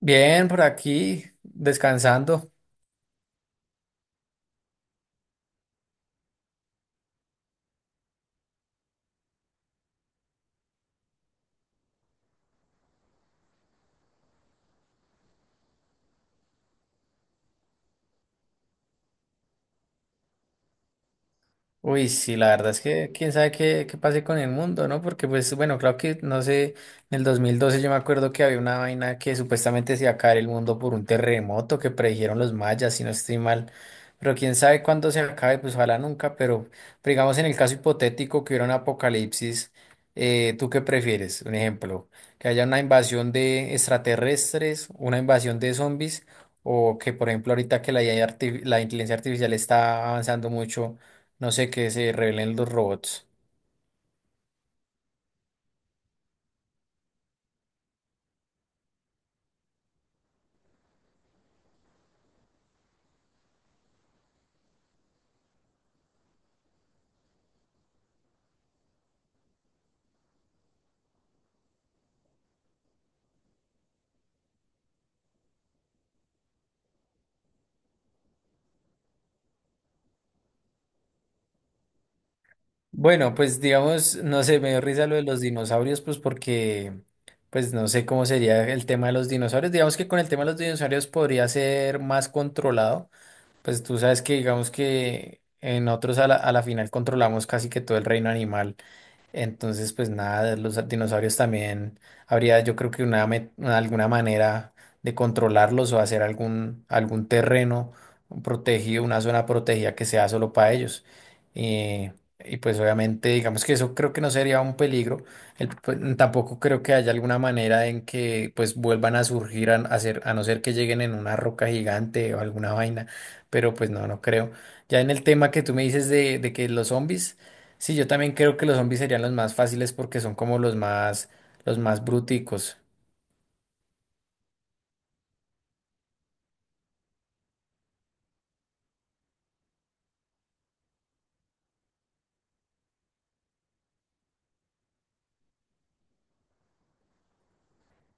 Bien, por aquí, descansando. Uy, sí, la verdad es que quién sabe qué, qué pase con el mundo, ¿no? Porque pues bueno, claro que no sé, en el 2012 yo me acuerdo que había una vaina que supuestamente se iba a caer el mundo por un terremoto que predijeron los mayas, si no estoy mal, pero quién sabe cuándo se acabe, pues ojalá nunca, pero digamos en el caso hipotético que hubiera un apocalipsis, ¿tú qué prefieres? Un ejemplo, que haya una invasión de extraterrestres, una invasión de zombies, o que por ejemplo ahorita que la la inteligencia artificial está avanzando mucho, no sé, qué se revelen los robots. Bueno, pues digamos, no sé, me dio risa lo de los dinosaurios, pues no sé cómo sería el tema de los dinosaurios. Digamos que con el tema de los dinosaurios podría ser más controlado. Pues tú sabes que digamos que en otros a la final controlamos casi que todo el reino animal. Entonces, pues nada, los dinosaurios también habría, yo creo que alguna manera de controlarlos o hacer algún terreno protegido, una zona protegida que sea solo para ellos. Eh, y pues obviamente, digamos que eso creo que no sería un peligro. Pues, tampoco creo que haya alguna manera en que pues vuelvan a surgir a ser- a no ser que lleguen en una roca gigante o alguna vaina, pero pues no, no creo. Ya en el tema que tú me dices de que los zombies... Sí, yo también creo que los zombies serían los más fáciles porque son como los más bruticos.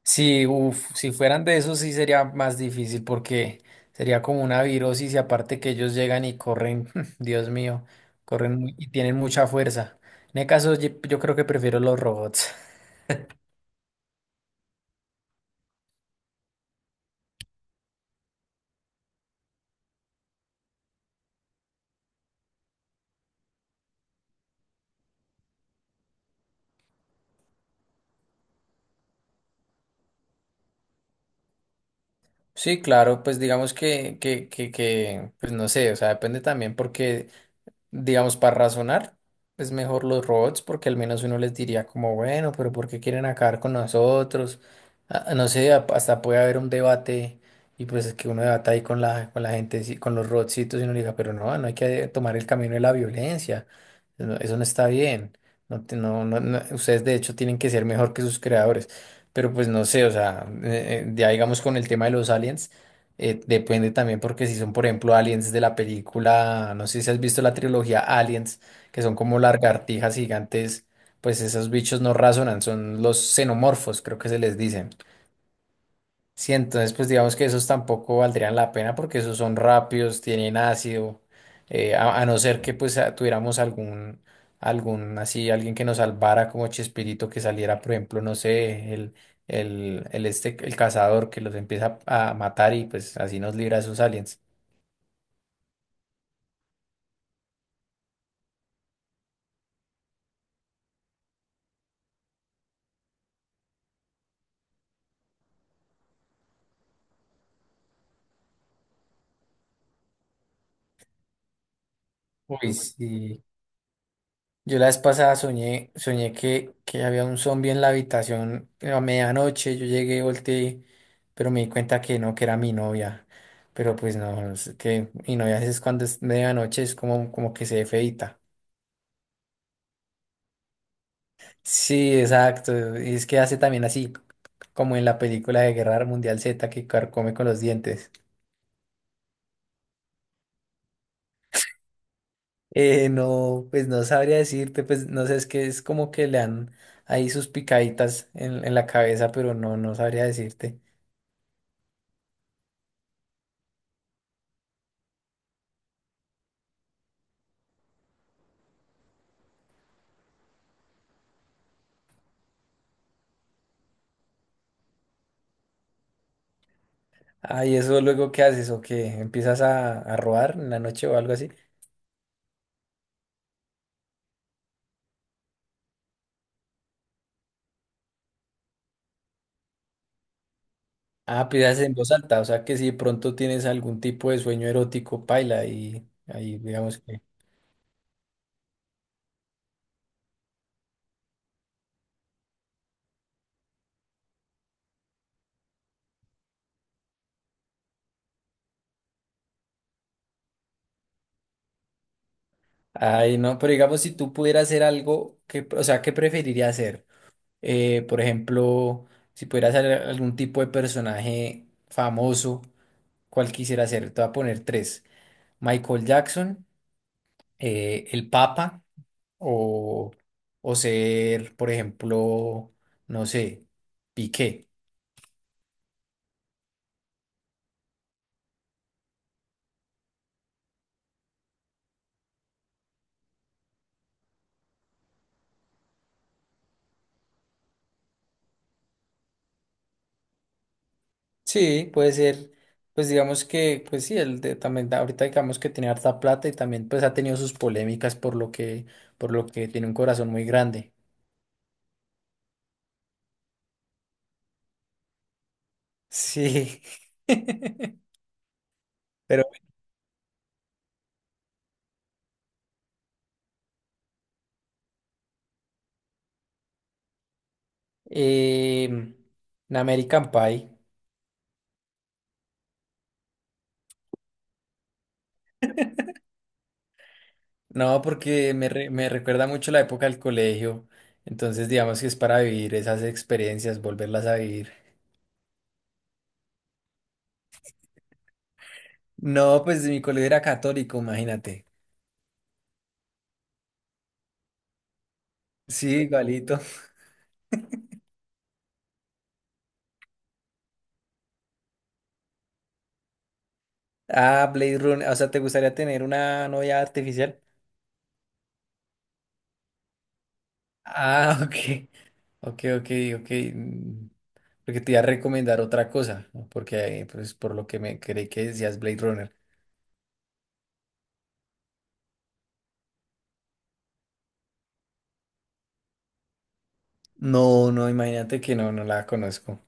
Si, uf, si fueran de esos sí sería más difícil porque sería como una virosis y aparte que ellos llegan y corren. Dios mío, y tienen mucha fuerza. En el caso yo creo que prefiero los robots. Sí, claro, pues digamos que, pues no sé, o sea, depende también porque digamos, para razonar, es mejor los robots porque al menos uno les diría como, bueno, pero ¿por qué quieren acabar con nosotros? Ah, no sé, hasta puede haber un debate y pues es que uno debata ahí con la gente, sí, con los robotcitos, y uno le diga, pero no, no hay que tomar el camino de la violencia, no, eso no está bien, no, ustedes de hecho tienen que ser mejor que sus creadores. Pero pues no sé, o sea, ya digamos con el tema de los aliens. Depende también porque si son, por ejemplo, aliens de la película, no sé si has visto la trilogía Aliens, que son como lagartijas gigantes, pues esos bichos no razonan, son los xenomorfos, creo que se les dice. Sí, entonces pues digamos que esos tampoco valdrían la pena porque esos son rápidos, tienen ácido, a no ser que pues tuviéramos algún así, alguien que nos salvara como Chespirito que saliera, por ejemplo, no sé, el este, el cazador que los empieza a matar y pues así nos libra de esos aliens. Uy, sí. Yo la vez pasada soñé que había un zombie en la habitación a medianoche. Yo llegué, volteé, pero me di cuenta que no, que era mi novia. Pero pues no, es que mi novia es cuando es medianoche, es como, como que se ve feíta. Sí, exacto. Y es que hace también así, como en la película de Guerra Mundial Z, que carcome con los dientes. No, pues no sabría decirte, pues no sé, es que es como que le dan ahí sus picaditas en la cabeza, pero no, no sabría decirte. Ah, ¿y eso luego qué haces? ¿O qué? ¿Empiezas a robar en la noche o algo así? Ah, pidas en voz alta, o sea que si de pronto tienes algún tipo de sueño erótico, paila, y ahí digamos que... Ay, no, pero digamos si tú pudieras hacer algo, que, o sea, ¿qué preferirías hacer? Por ejemplo, si pudieras hacer algún tipo de personaje famoso, ¿cuál quisiera ser? Te voy a poner tres. Michael Jackson, el Papa o, o ser, por ejemplo, no sé, Piqué. Sí, puede ser, pues digamos que, pues sí, él de- también da- ahorita digamos que tiene harta plata y también pues ha tenido sus polémicas por lo que tiene un corazón muy grande. Sí. Pero Em, un American Pie. No, porque me recuerda mucho la época del colegio. Entonces, digamos que es para vivir esas experiencias, volverlas a vivir. No, pues mi colegio era católico, imagínate. Sí, igualito. Ah, Blade Runner. O sea, ¿te gustaría tener una novia artificial? Ah, ok. Ok, ok, ok. mm, Porque te iba a recomendar otra cosa, ¿no? Porque pues, por lo que me creí que decías Blade Runner. No, no, imagínate que no, no la conozco.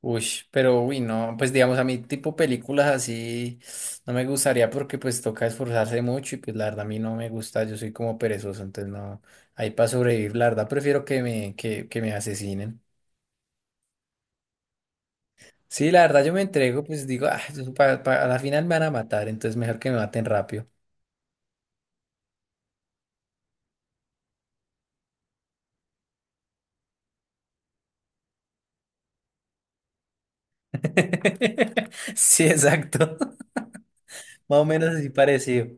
Uy, uy, no, pues digamos a mí tipo películas así no me gustaría porque pues toca esforzarse mucho y pues la verdad a mí no me gusta, yo soy como perezoso, entonces no, ahí para sobrevivir, la verdad prefiero que me asesinen. Sí, la verdad yo me entrego, pues digo, ah, yo a la final me van a matar, entonces mejor que me maten rápido. Sí, exacto. Más o menos así parecido.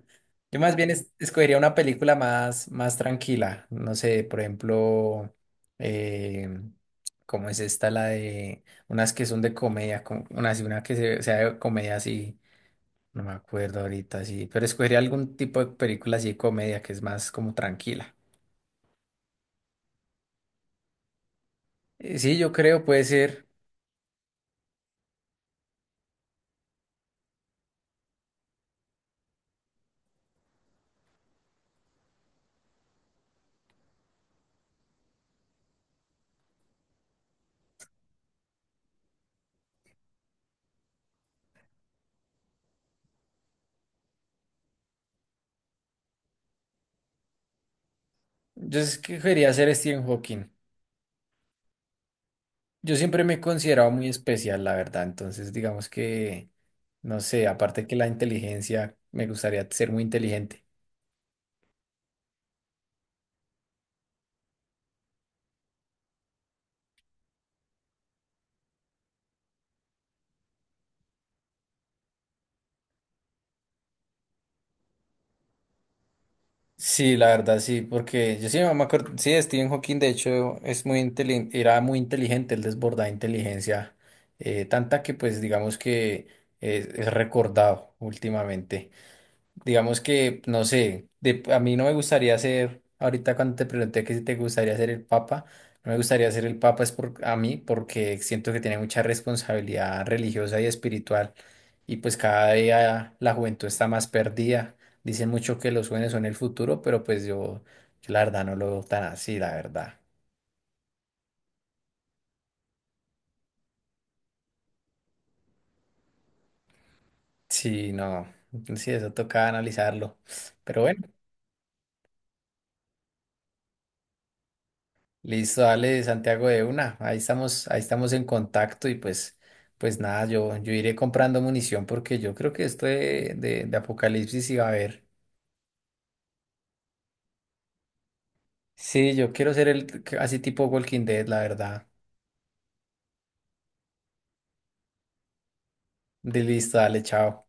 Yo más bien escogería una película más, más tranquila. No sé, por ejemplo, eh, ¿cómo es esta? La de unas que son de comedia, como una, así, una que sea de comedia así, no me acuerdo ahorita, sí, pero escogería algún tipo de película así de comedia que es más como tranquila. Sí, yo creo puede ser. Yo escogería ser Stephen Hawking. Yo siempre me he considerado muy especial, la verdad. Entonces, digamos que, no sé, aparte que la inteligencia, me gustaría ser muy inteligente. Sí, la verdad, sí, porque yo sí no me acuerdo, sí, Stephen Hawking, de hecho, es muy inteligente, era muy inteligente, él desbordaba inteligencia, tanta que, pues, digamos que es recordado últimamente. Digamos que, no sé, a mí no me gustaría ser, ahorita cuando te pregunté que si te gustaría ser el papa, no me gustaría ser el papa es a mí porque siento que tiene mucha responsabilidad religiosa y espiritual y pues cada día la juventud está más perdida. Dicen mucho que los jóvenes son el futuro, yo la verdad no lo veo tan así, la verdad. Sí, no, sí, eso toca analizarlo. Pero bueno. Listo, dale, Santiago, de una. Ahí estamos en contacto y pues, pues nada, yo iré comprando munición porque yo creo que esto de Apocalipsis iba a haber. Sí, yo quiero ser el así tipo Walking Dead, la verdad. De listo, dale, chao.